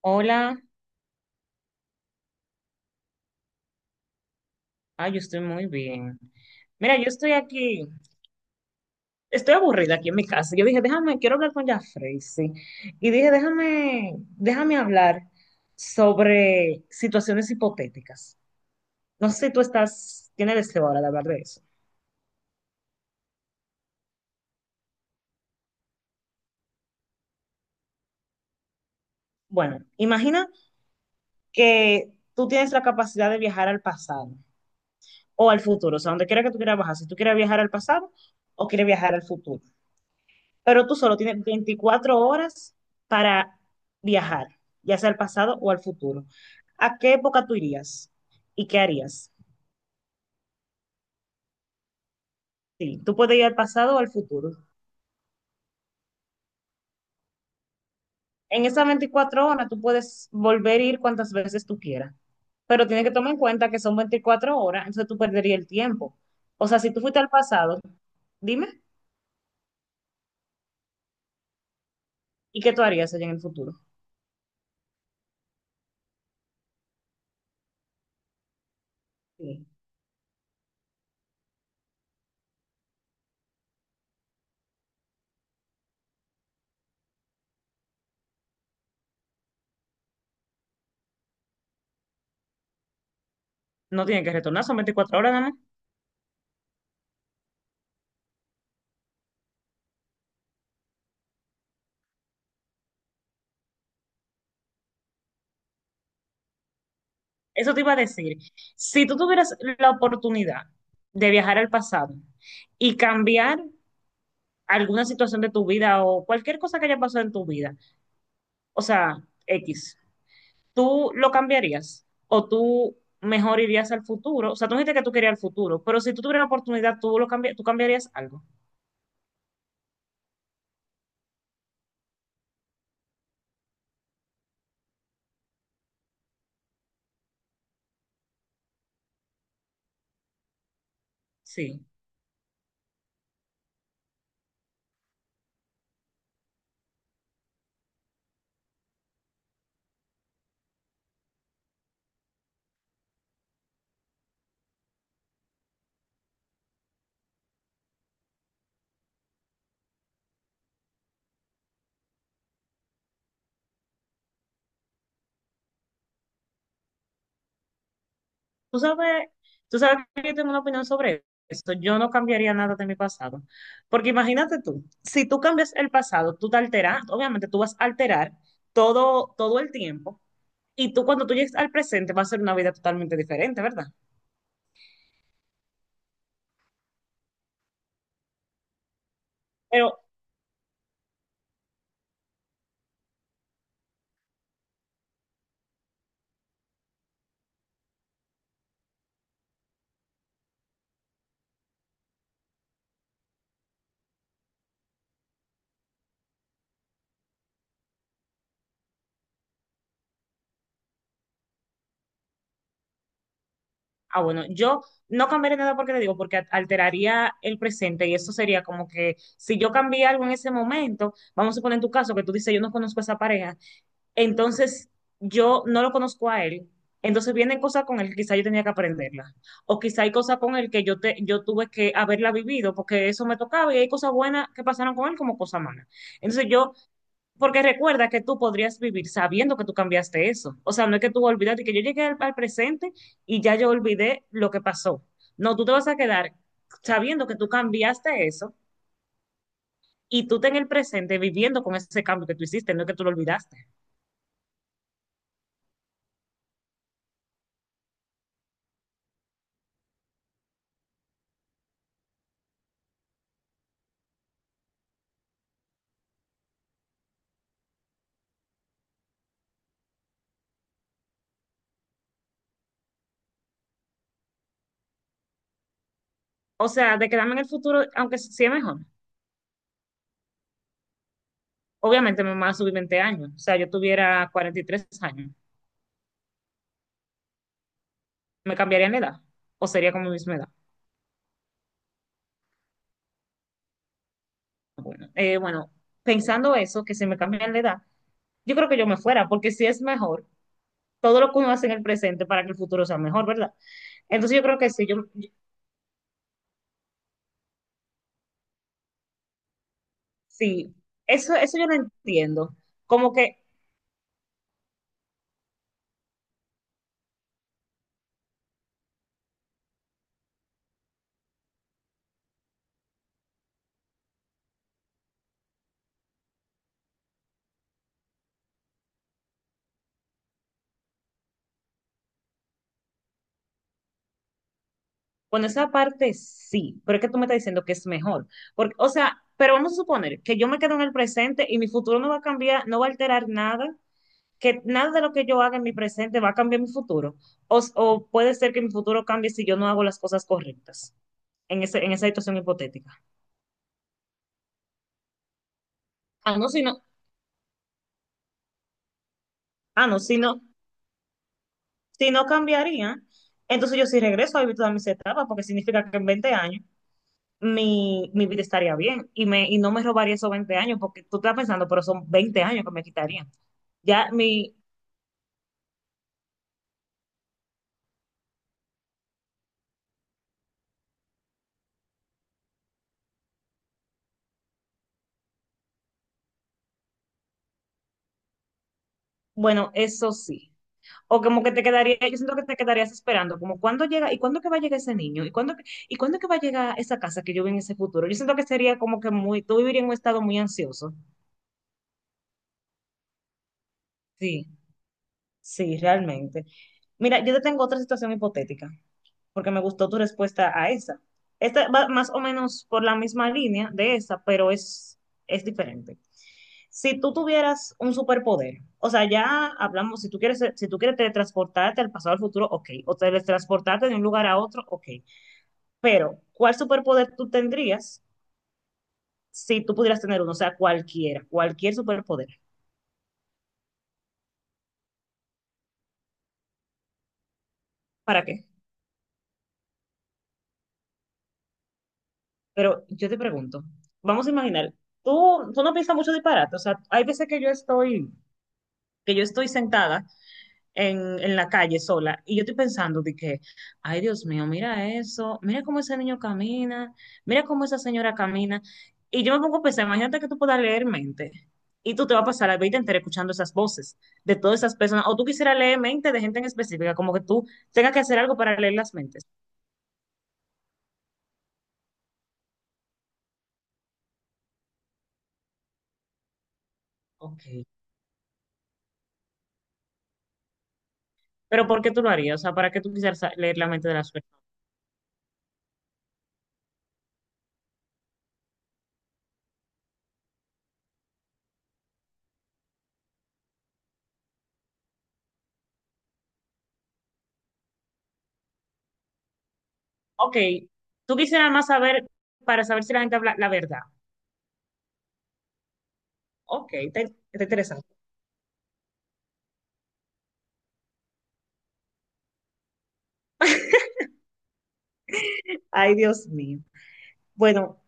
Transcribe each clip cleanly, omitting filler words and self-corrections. Hola. Yo estoy muy bien. Mira, yo estoy aquí, estoy aburrida aquí en mi casa. Yo dije, déjame, quiero hablar con Jafrey, sí. Y dije, déjame hablar sobre situaciones hipotéticas. No sé si tú estás, tienes deseo ahora de hablar de eso. Bueno, imagina que tú tienes la capacidad de viajar al pasado o al futuro, o sea, donde quiera que tú quieras viajar, si tú quieres viajar al pasado o quieres viajar al futuro. Pero tú solo tienes 24 horas para viajar, ya sea al pasado o al futuro. ¿A qué época tú irías? ¿Y qué harías? Sí, tú puedes ir al pasado o al futuro. En esas 24 horas tú puedes volver a ir cuantas veces tú quieras, pero tienes que tomar en cuenta que son 24 horas, entonces tú perderías el tiempo. O sea, si tú fuiste al pasado, dime, ¿y qué tú harías allá en el futuro? Sí. No tiene que retornar, son 24 horas nada más. Eso te iba a decir. Si tú tuvieras la oportunidad de viajar al pasado y cambiar alguna situación de tu vida o cualquier cosa que haya pasado en tu vida, o sea, X, ¿tú lo cambiarías? ¿O tú mejor irías al futuro? O sea, tú dijiste que tú querías al futuro, pero si tú tuvieras la oportunidad, ¿tú, lo cambi- tú cambiarías algo? Sí. Tú sabes, tú sabes que yo tengo una opinión sobre eso. Yo no cambiaría nada de mi pasado. Porque imagínate tú, si tú cambias el pasado, tú te alteras, obviamente tú vas a alterar todo, todo el tiempo. Y tú cuando tú llegues al presente va a ser una vida totalmente diferente, ¿verdad? Pero, bueno, yo no cambiaría nada porque te digo, porque alteraría el presente y eso sería como que si yo cambié algo en ese momento, vamos a poner en tu caso que tú dices, yo no conozco a esa pareja. Entonces, yo no lo conozco a él. Entonces vienen cosas con él que quizá yo tenía que aprenderlas. O quizá hay cosas con él que yo, te, yo tuve que haberla vivido porque eso me tocaba y hay cosas buenas que pasaron con él como cosas malas. Entonces yo, porque recuerda que tú podrías vivir sabiendo que tú cambiaste eso. O sea, no es que tú olvidaste que yo llegué al, al presente y ya yo olvidé lo que pasó. No, tú te vas a quedar sabiendo que tú cambiaste eso y tú te en el presente viviendo con ese cambio que tú hiciste, no es que tú lo olvidaste. O sea, de quedarme en el futuro, aunque sí es mejor. Obviamente me van a subir 20 años. O sea, yo tuviera 43 años. ¿Me cambiaría la edad? ¿O sería como mi misma edad? Bueno, bueno, pensando eso, que si me cambian la edad, yo creo que yo me fuera, porque si es mejor, todo lo que uno hace en el presente para que el futuro sea mejor, ¿verdad? Entonces yo creo que sí, yo, sí, eso yo lo entiendo. Como que bueno, esa parte sí, pero es que tú me estás diciendo que es mejor. Porque, o sea, pero vamos a suponer que yo me quedo en el presente y mi futuro no va a cambiar, no va a alterar nada, que nada de lo que yo haga en mi presente va a cambiar mi futuro. O puede ser que mi futuro cambie si yo no hago las cosas correctas en, ese, en esa situación hipotética. Ah, no, si no, ah, no, si no, si no cambiaría, entonces yo sí regreso a vivir todas mis etapas, porque significa que en 20 años mi, mi vida estaría bien y, me, y no me robaría esos 20 años, porque tú estás pensando, pero son 20 años que me quitarían. Ya mi, bueno, eso sí. O como que te quedaría, yo siento que te quedarías esperando, como cuándo llega, y cuándo que va a llegar ese niño, y cuándo que va a llegar esa casa que yo vi en ese futuro. Yo siento que sería como que muy, tú vivirías en un estado muy ansioso. Sí, sí, realmente. Mira, yo te tengo otra situación hipotética, porque me gustó tu respuesta a esa. Esta va más o menos por la misma línea de esa, pero es diferente. Si tú tuvieras un superpoder, o sea, ya hablamos, si tú quieres, si tú quieres teletransportarte al pasado al futuro, ok, o teletransportarte de un lugar a otro, ok, pero ¿cuál superpoder tú tendrías si tú pudieras tener uno? O sea, cualquiera, cualquier superpoder. ¿Para qué? Pero yo te pregunto, vamos a imaginar, tú no piensas mucho disparate, o sea, hay veces que yo estoy sentada en la calle sola. Y yo estoy pensando de que, ay Dios mío, mira eso, mira cómo ese niño camina, mira cómo esa señora camina. Y yo me pongo a pensar, imagínate que tú puedas leer mente. Y tú te vas a pasar la vida entera escuchando esas voces de todas esas personas. O tú quisieras leer mente de gente en específica, como que tú tengas que hacer algo para leer las mentes. Ok. Pero ¿por qué tú lo harías? O sea, ¿para qué tú quisieras sa- leer la mente de las personas? Ok. Tú quisieras más saber para saber si la gente habla la verdad. Ok, te interesa. Ay, Dios mío. Bueno,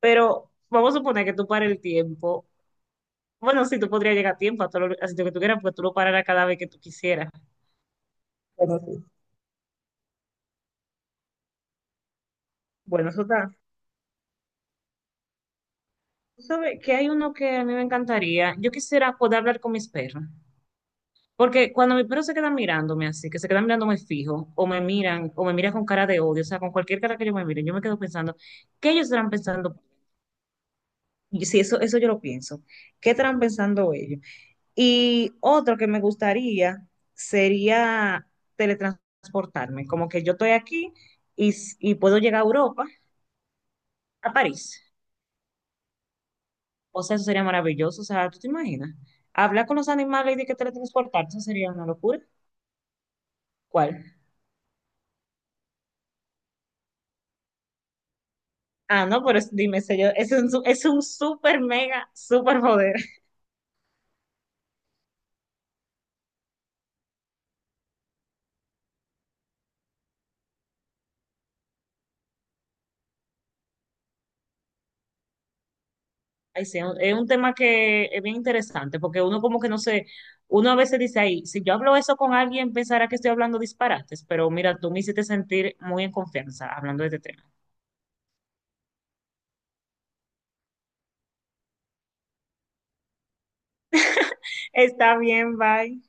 pero vamos a suponer que tú pares el tiempo. Bueno, sí, tú podrías llegar a tiempo a todo lo, a sitio que tú quieras, porque tú lo pararás cada vez que tú quisieras. Bueno, sí. Bueno, eso está. Tú sabes que hay uno que a mí me encantaría. Yo quisiera poder hablar con mis perros. Porque cuando mis perros se quedan mirándome así, que se quedan mirándome fijo, o me miran con cara de odio, o sea, con cualquier cara que yo me mire, yo me quedo pensando, ¿qué ellos estarán pensando? Y si eso, eso yo lo pienso, ¿qué estarán pensando ellos? Y otro que me gustaría sería teletransportarme, como que yo estoy aquí y, s- y puedo llegar a Europa, a París. O sea, eso sería maravilloso. O sea, ¿tú te imaginas? Hablar con los animales y de que teletransportarse eso sería una locura. ¿Cuál? Ah, no, pero es- dime, sé yo, es un, su- es un super mega super poder. Ay, sí, es un tema que es bien interesante porque uno como que no sé, uno a veces dice, ay, si yo hablo eso con alguien pensará que estoy hablando disparates, pero mira, tú me hiciste sentir muy en confianza hablando de este tema. Está bien, bye.